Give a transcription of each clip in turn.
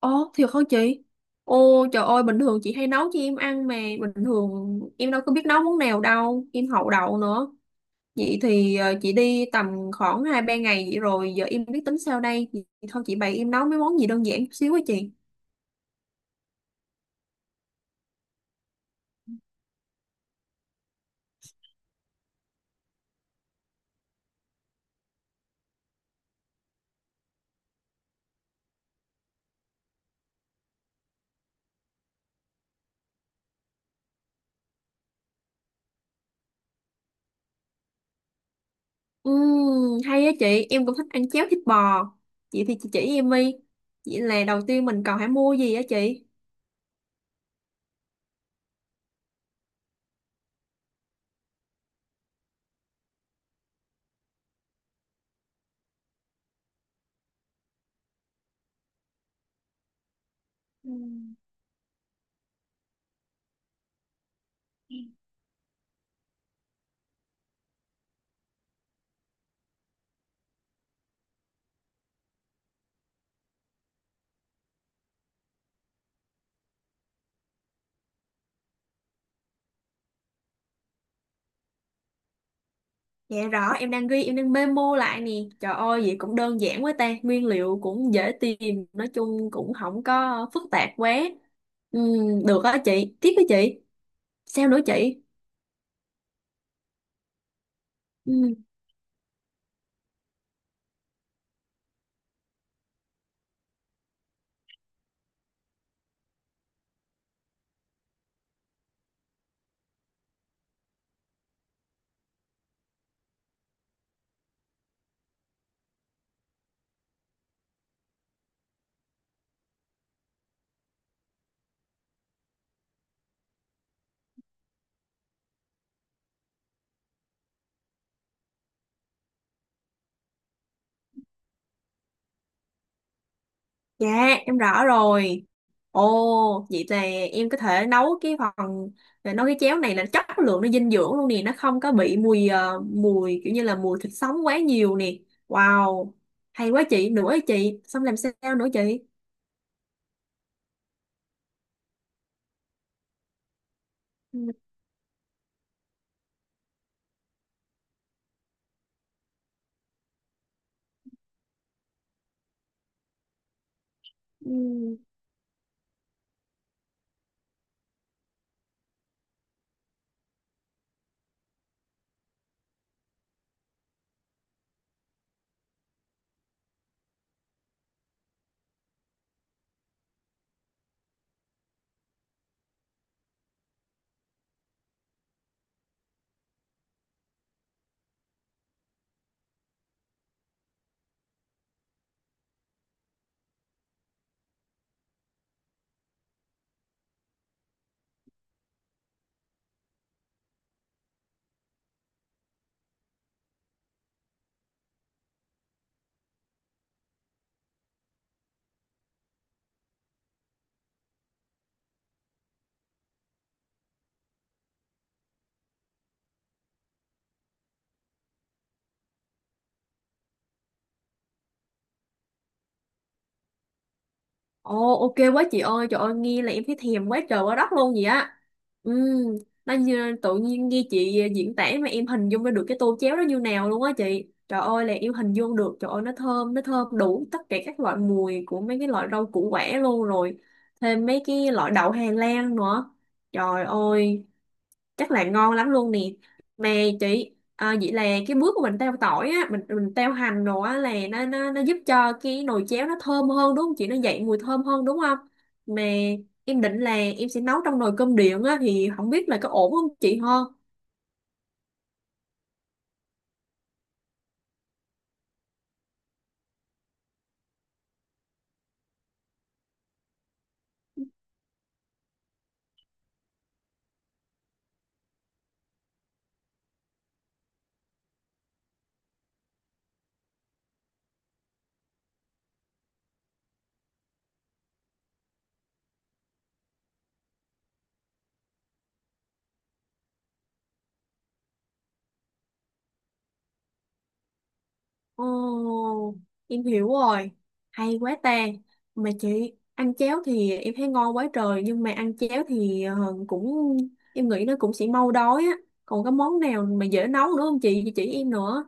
Ồ, thiệt hả chị? Ô trời ơi, bình thường chị hay nấu cho em ăn mà bình thường em đâu có biết nấu món nào đâu, em hậu đậu nữa. Vậy thì chị đi tầm khoảng 2 3 ngày vậy rồi, giờ em biết tính sao đây. Vậy thôi chị bày em nấu mấy món gì đơn giản chút xíu á chị. Hay á chị, em cũng thích ăn cháo thịt bò. Vậy thì chị chỉ em đi. Vậy là đầu tiên mình cần phải mua gì á chị? Ừ. Dạ rõ, em đang ghi, em đang memo lại nè. Trời ơi, vậy cũng đơn giản quá ta. Nguyên liệu cũng dễ tìm, nói chung cũng không có phức tạp quá. Ừ, được á chị, tiếp với chị. Sao nữa chị? Ừ. Dạ, em rõ rồi. Ồ, vậy là em có thể nấu cái phần, nấu cái chéo này là chất lượng nó dinh dưỡng luôn nè. Nó không có bị mùi, mùi kiểu như là mùi thịt sống quá nhiều nè. Wow, hay quá chị, nữa chị. Xong làm sao nữa chị? Ừ. Ừ. Ồ, ok quá chị ơi. Trời ơi, nghe là em thấy thèm quá trời quá đất luôn vậy á. Ừ, nó như, tự nhiên nghe chị diễn tả mà em hình dung ra được cái tô chéo đó như nào luôn á chị. Trời ơi là em hình dung được. Trời ơi, nó thơm, nó thơm đủ tất cả các loại mùi của mấy cái loại rau củ quả luôn rồi. Thêm mấy cái loại đậu Hà Lan nữa. Trời ơi, chắc là ngon lắm luôn nè. Mà chị à, vậy là cái bước của mình teo tỏi á, mình teo hành đồ á, là nó giúp cho cái nồi chéo nó thơm hơn đúng không chị, nó dậy mùi thơm hơn đúng không? Mà em định là em sẽ nấu trong nồi cơm điện á, thì không biết là có ổn không chị ha. Ồ, em hiểu rồi, hay quá ta. Mà chị, ăn chéo thì em thấy ngon quá trời, nhưng mà ăn chéo thì cũng em nghĩ nó cũng sẽ mau đói á. Còn có món nào mà dễ nấu nữa không chị chỉ em nữa.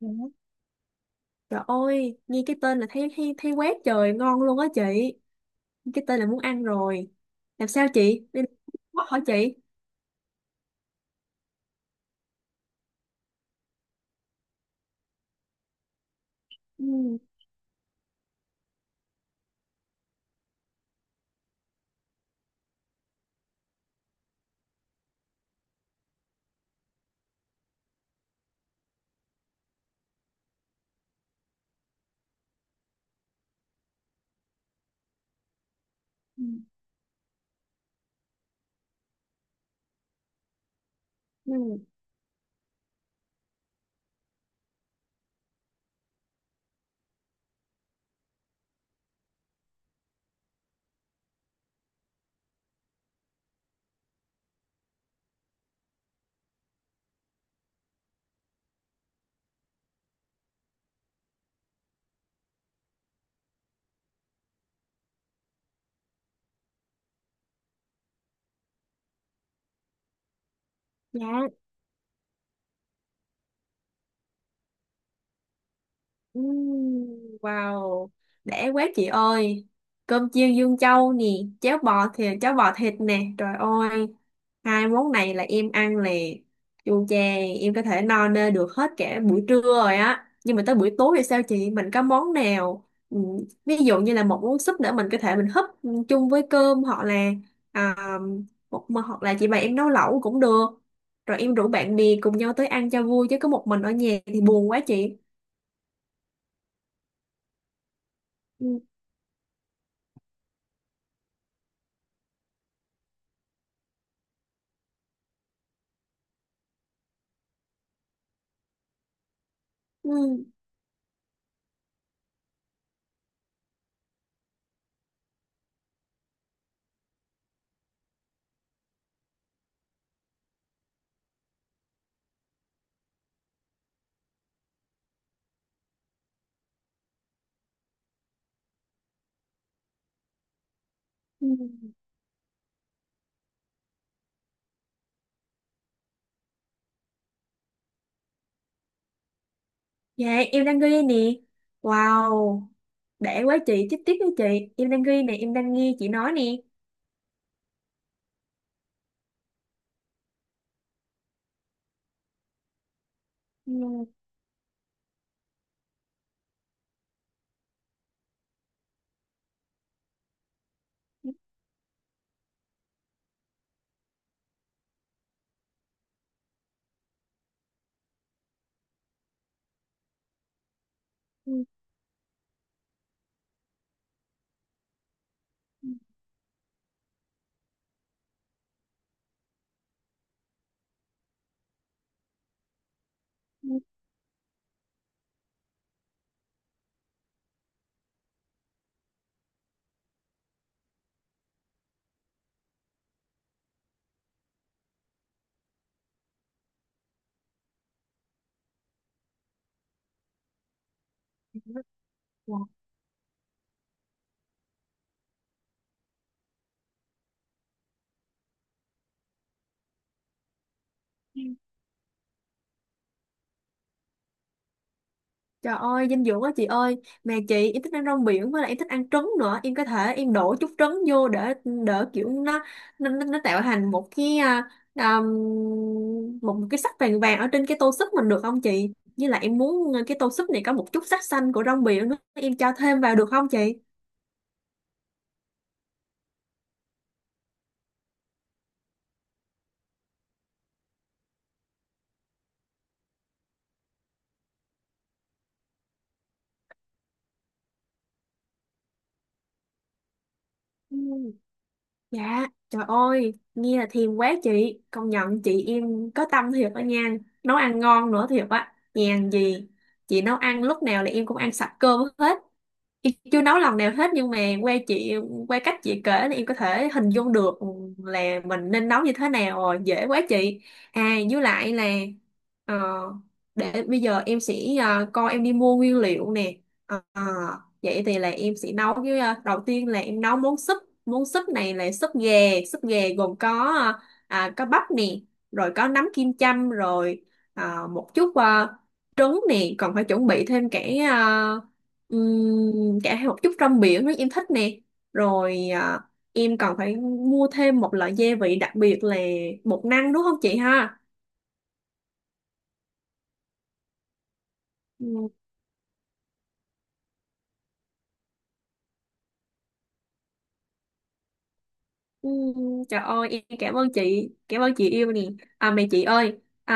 Dạ. Trời ơi, nghe cái tên là thấy thấy thấy quét trời ngon luôn á chị. Cái tên là muốn ăn rồi. Làm sao chị? Đây là hỏi chị. Ừ. Ừ. Ừ. Dạ. Ừm. Wow, để quá chị ơi. Cơm chiên Dương Châu nè, cháo bò thịt nè. Trời ơi, hai món này là em ăn là chu chè, em có thể no nê được hết cả buổi trưa rồi á. Nhưng mà tới buổi tối thì sao chị? Mình có món nào? Ví dụ như là một món súp nữa mình có thể mình húp chung với cơm, hoặc là à, một hoặc là chị bày em nấu lẩu cũng được. Rồi em rủ bạn bè cùng nhau tới ăn cho vui, chứ có một mình ở nhà thì buồn quá chị. Ừ. Ừ. Dạ, em đang ghi nè. Wow, để quá chị, tiếp tiếp với chị. Em đang ghi nè, em đang nghe chị nói nè. Ừ. Ừ. Ừ. Trời ơi, dinh dưỡng quá chị ơi. Mà chị, em thích ăn rong biển, với lại em thích ăn trứng nữa. Em có thể em đổ chút trứng vô để đỡ kiểu nó, nó tạo thành một cái à, một cái sắc vàng vàng ở trên cái tô súp mình, được không chị? Như là em muốn cái tô súp này có một chút sắc xanh của rong biển nữa, em cho thêm vào được không chị? Ừ. Dạ, trời ơi, nghe là thèm quá chị. Công nhận chị em có tâm thiệt đó nha. Nấu ăn ngon nữa thiệt á. Nhàn gì. Chị nấu ăn lúc nào là em cũng ăn sạch cơm hết. Chị chưa nấu lần nào hết, nhưng mà qua chị, qua cách chị kể thì em có thể hình dung được là mình nên nấu như thế nào rồi, dễ quá chị. À với lại là ờ, để bây giờ em sẽ coi em đi mua nguyên liệu nè. Ờ, vậy thì là em sẽ nấu với đầu tiên là em nấu món súp, món súp này là súp gà, súp gà gồm có có bắp nè, rồi có nấm kim châm, rồi một chút trứng nè, còn phải chuẩn bị thêm cả ờ, cả hai một chút rong biển rất em thích nè, rồi em còn phải mua thêm một loại gia vị đặc biệt là bột năng, đúng không chị ha. Ừm, ừm, Trời ơi, em cảm ơn chị, cảm ơn chị yêu nè. À mẹ chị ơi, à,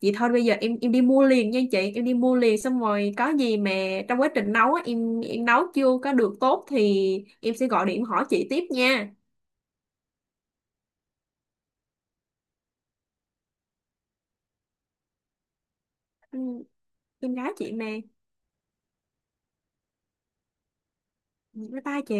chị thôi bây giờ em đi mua liền nha chị, em đi mua liền, xong rồi có gì mà trong quá trình nấu á, em nấu chưa có được tốt thì em sẽ gọi điện hỏi chị tiếp nha. Ừm, em gái chị mà. Bye bye chị.